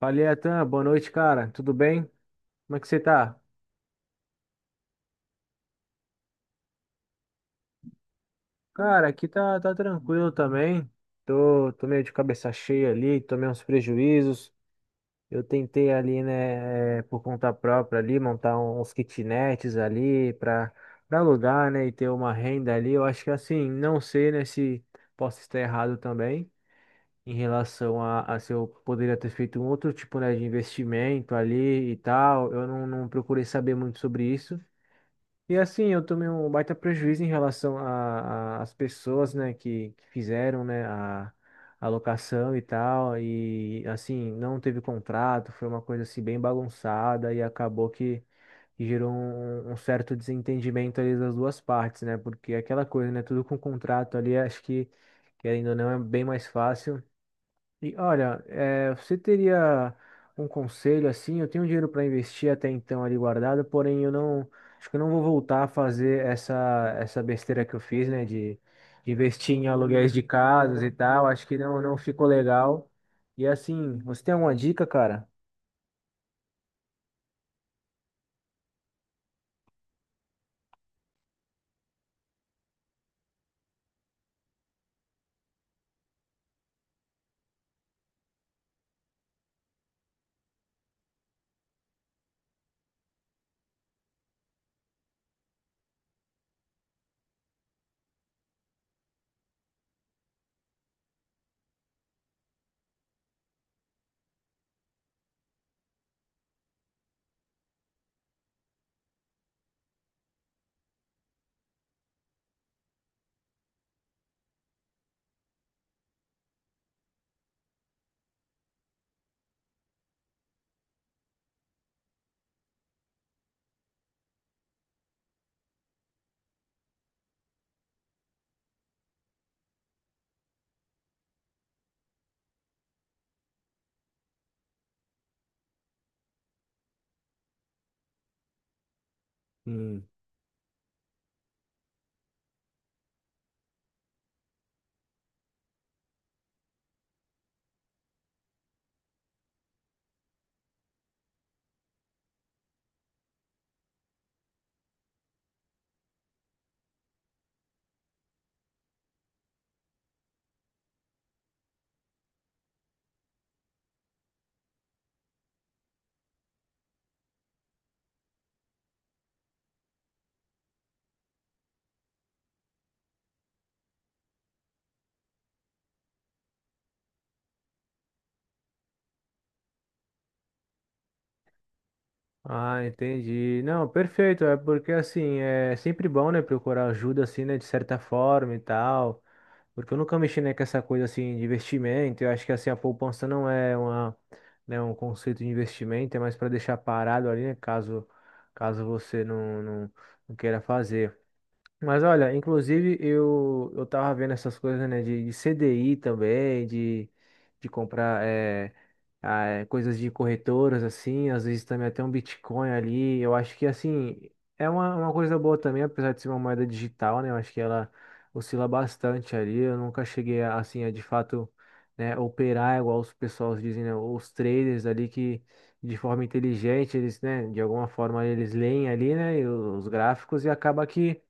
Falei, Atan, boa noite, cara. Tudo bem? Como é que você tá? Cara, aqui tá tranquilo também. Tô meio de cabeça cheia ali, tomei uns prejuízos. Eu tentei ali, né, por conta própria ali, montar uns kitnets ali pra alugar, né, e ter uma renda ali. Eu acho que assim, não sei, né, se posso estar errado também em relação a se eu poderia ter feito um outro tipo, né, de investimento ali e tal. Eu não procurei saber muito sobre isso. E assim, eu tomei um baita prejuízo em relação às pessoas, né, que fizeram, né, a locação e tal, e assim, não teve contrato, foi uma coisa assim bem bagunçada e acabou que gerou um certo desentendimento ali das duas partes, né, porque aquela coisa, né, tudo com contrato ali, acho que, querendo ou não, é bem mais fácil. E olha, você teria um conselho assim? Eu tenho dinheiro para investir até então ali guardado, porém eu não acho que eu não vou voltar a fazer essa besteira que eu fiz, né? De investir em aluguéis de casas e tal. Acho que não ficou legal. E assim, você tem alguma dica, cara? Ah, entendi. Não, perfeito. É porque assim, é sempre bom, né, procurar ajuda assim, né, de certa forma e tal. Porque eu nunca mexi, né, com essa coisa assim de investimento. Eu acho que assim a poupança não é uma, né, um conceito de investimento, é mais para deixar parado ali, né, caso você não queira fazer. Mas olha, inclusive eu tava vendo essas coisas, né, de CDI também, de comprar coisas de corretoras, assim, às vezes também até um Bitcoin ali. Eu acho que, assim, é uma coisa boa também, apesar de ser uma moeda digital, né, eu acho que ela oscila bastante ali. Eu nunca cheguei, a, assim, a de fato, né, operar igual os pessoas dizem, né, os traders ali que de forma inteligente, eles, né, de alguma forma eles leem ali, né, e os gráficos e acaba que.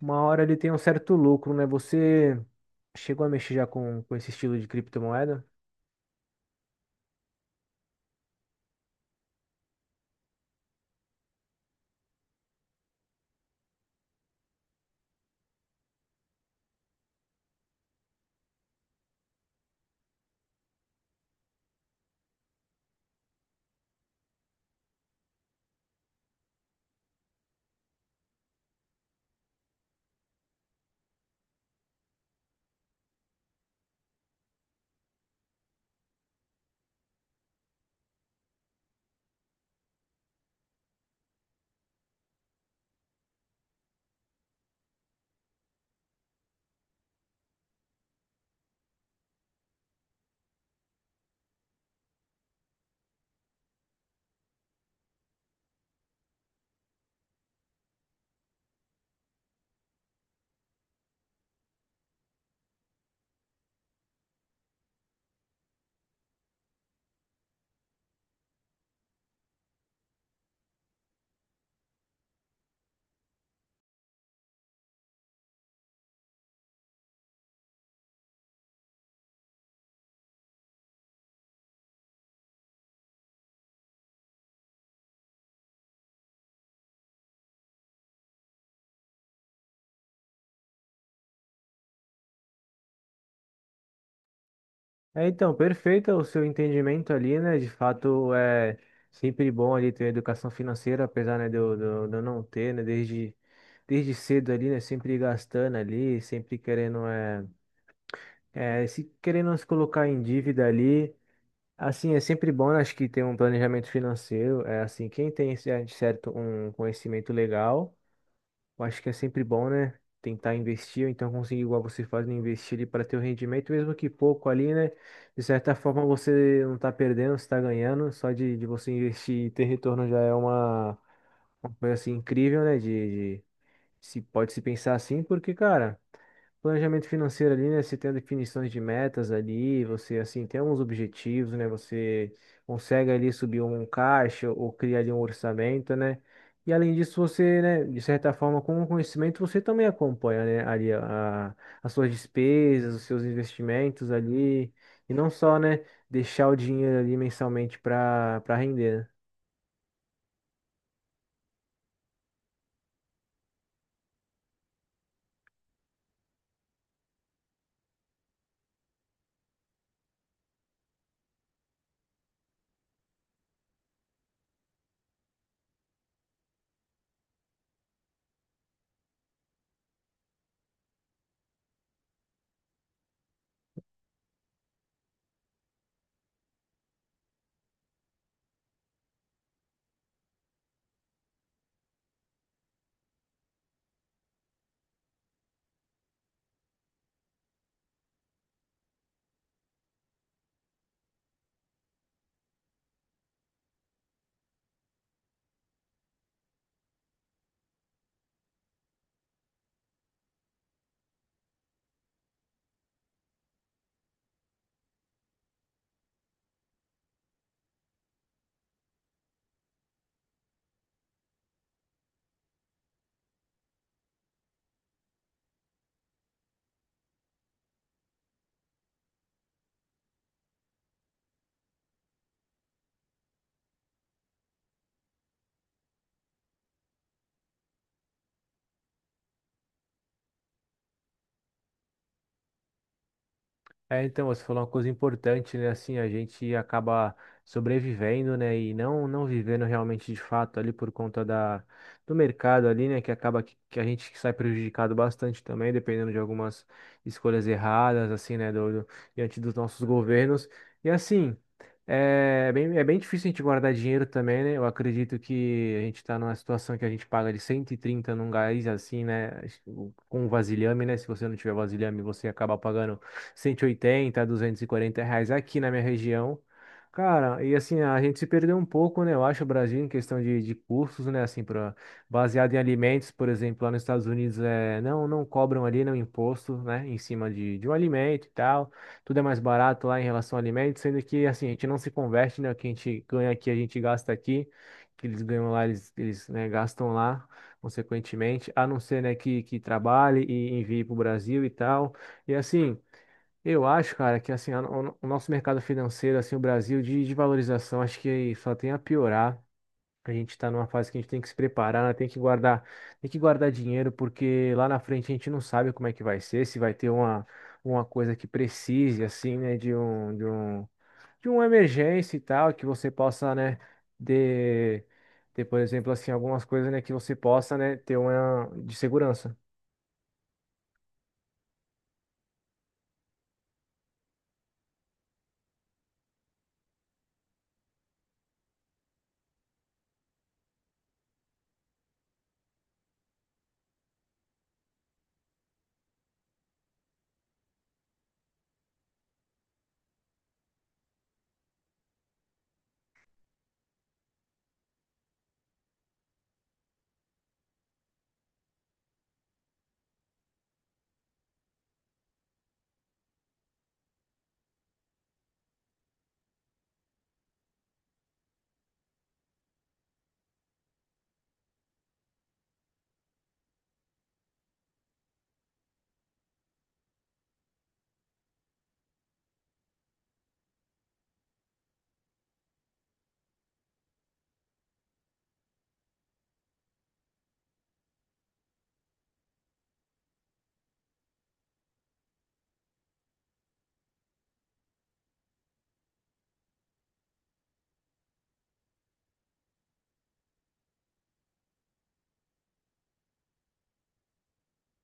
Uma hora ele tem um certo lucro, né? Você chegou a mexer já com esse estilo de criptomoeda? É, então, perfeito o seu entendimento ali, né? De fato, é sempre bom ali ter educação financeira, apesar, né, de eu não ter, né? Desde cedo ali, né? Sempre gastando ali, sempre querendo, se querendo se colocar em dívida ali. Assim, é sempre bom, né, acho que ter um planejamento financeiro. É assim, quem tem de certo um conhecimento legal. Eu acho que é sempre bom, né? Tentar investir, ou então conseguir, igual você faz, né, investir ali para ter o rendimento, mesmo que pouco ali, né? De certa forma você não tá perdendo, você tá ganhando. Só de você investir e ter retorno já é uma coisa assim incrível, né? De, se pode se pensar assim, porque, cara, planejamento financeiro ali, né? Você tem definições de metas ali, você assim tem alguns objetivos, né? Você consegue ali subir um caixa ou criar ali um orçamento, né? E além disso, você, né, de certa forma, com o conhecimento, você também acompanha, né, ali as suas despesas, os seus investimentos ali, e não só, né, deixar o dinheiro ali mensalmente para render, né? É, então, você falou uma coisa importante, né? Assim, a gente acaba sobrevivendo, né? E não vivendo realmente de fato ali por conta da, do mercado ali, né? Que acaba que, a gente sai prejudicado bastante também, dependendo de algumas escolhas erradas, assim, né? Diante dos nossos governos. E assim, é bem difícil a gente guardar dinheiro também, né? Eu acredito que a gente está numa situação que a gente paga de 130 num gás, assim, né? Com vasilhame, né? Se você não tiver vasilhame, você acaba pagando 180, R$ 240 aqui na minha região. Cara, e assim, a gente se perdeu um pouco, né? Eu acho, o Brasil, em questão de cursos, né? Assim, pra, baseado em alimentos, por exemplo, lá nos Estados Unidos, é, não cobram ali, não imposto, né? Em cima de um alimento e tal. Tudo é mais barato lá em relação a alimentos, sendo que, assim, a gente não se converte, né? O que a gente ganha aqui, a gente gasta aqui. O que eles ganham lá, eles, né, gastam lá, consequentemente. A não ser, né, que trabalhe e envie para o Brasil e tal. E assim. Eu acho, cara, que assim, o nosso mercado financeiro, assim, o Brasil de valorização, acho que só tem a piorar. A gente está numa fase que a gente tem que se preparar, né? Tem que guardar dinheiro, porque lá na frente a gente não sabe como é que vai ser, se vai ter uma coisa que precise, assim, né, de uma emergência e tal, que você possa, né, ter, ter, por exemplo, assim, algumas coisas, né, que você possa, né, ter uma de segurança.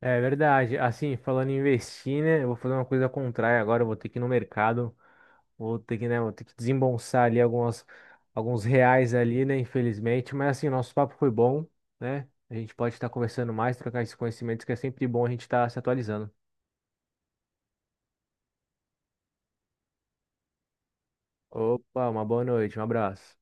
É verdade. Assim, falando em investir, né? Eu vou fazer uma coisa contrária agora. Eu vou ter que ir no mercado. Vou ter que, né? Vou ter que desembolsar ali alguns reais ali, né? Infelizmente. Mas assim, o nosso papo foi bom, né? A gente pode estar conversando mais, trocar esses conhecimentos, que é sempre bom a gente estar se atualizando. Opa, uma boa noite, um abraço.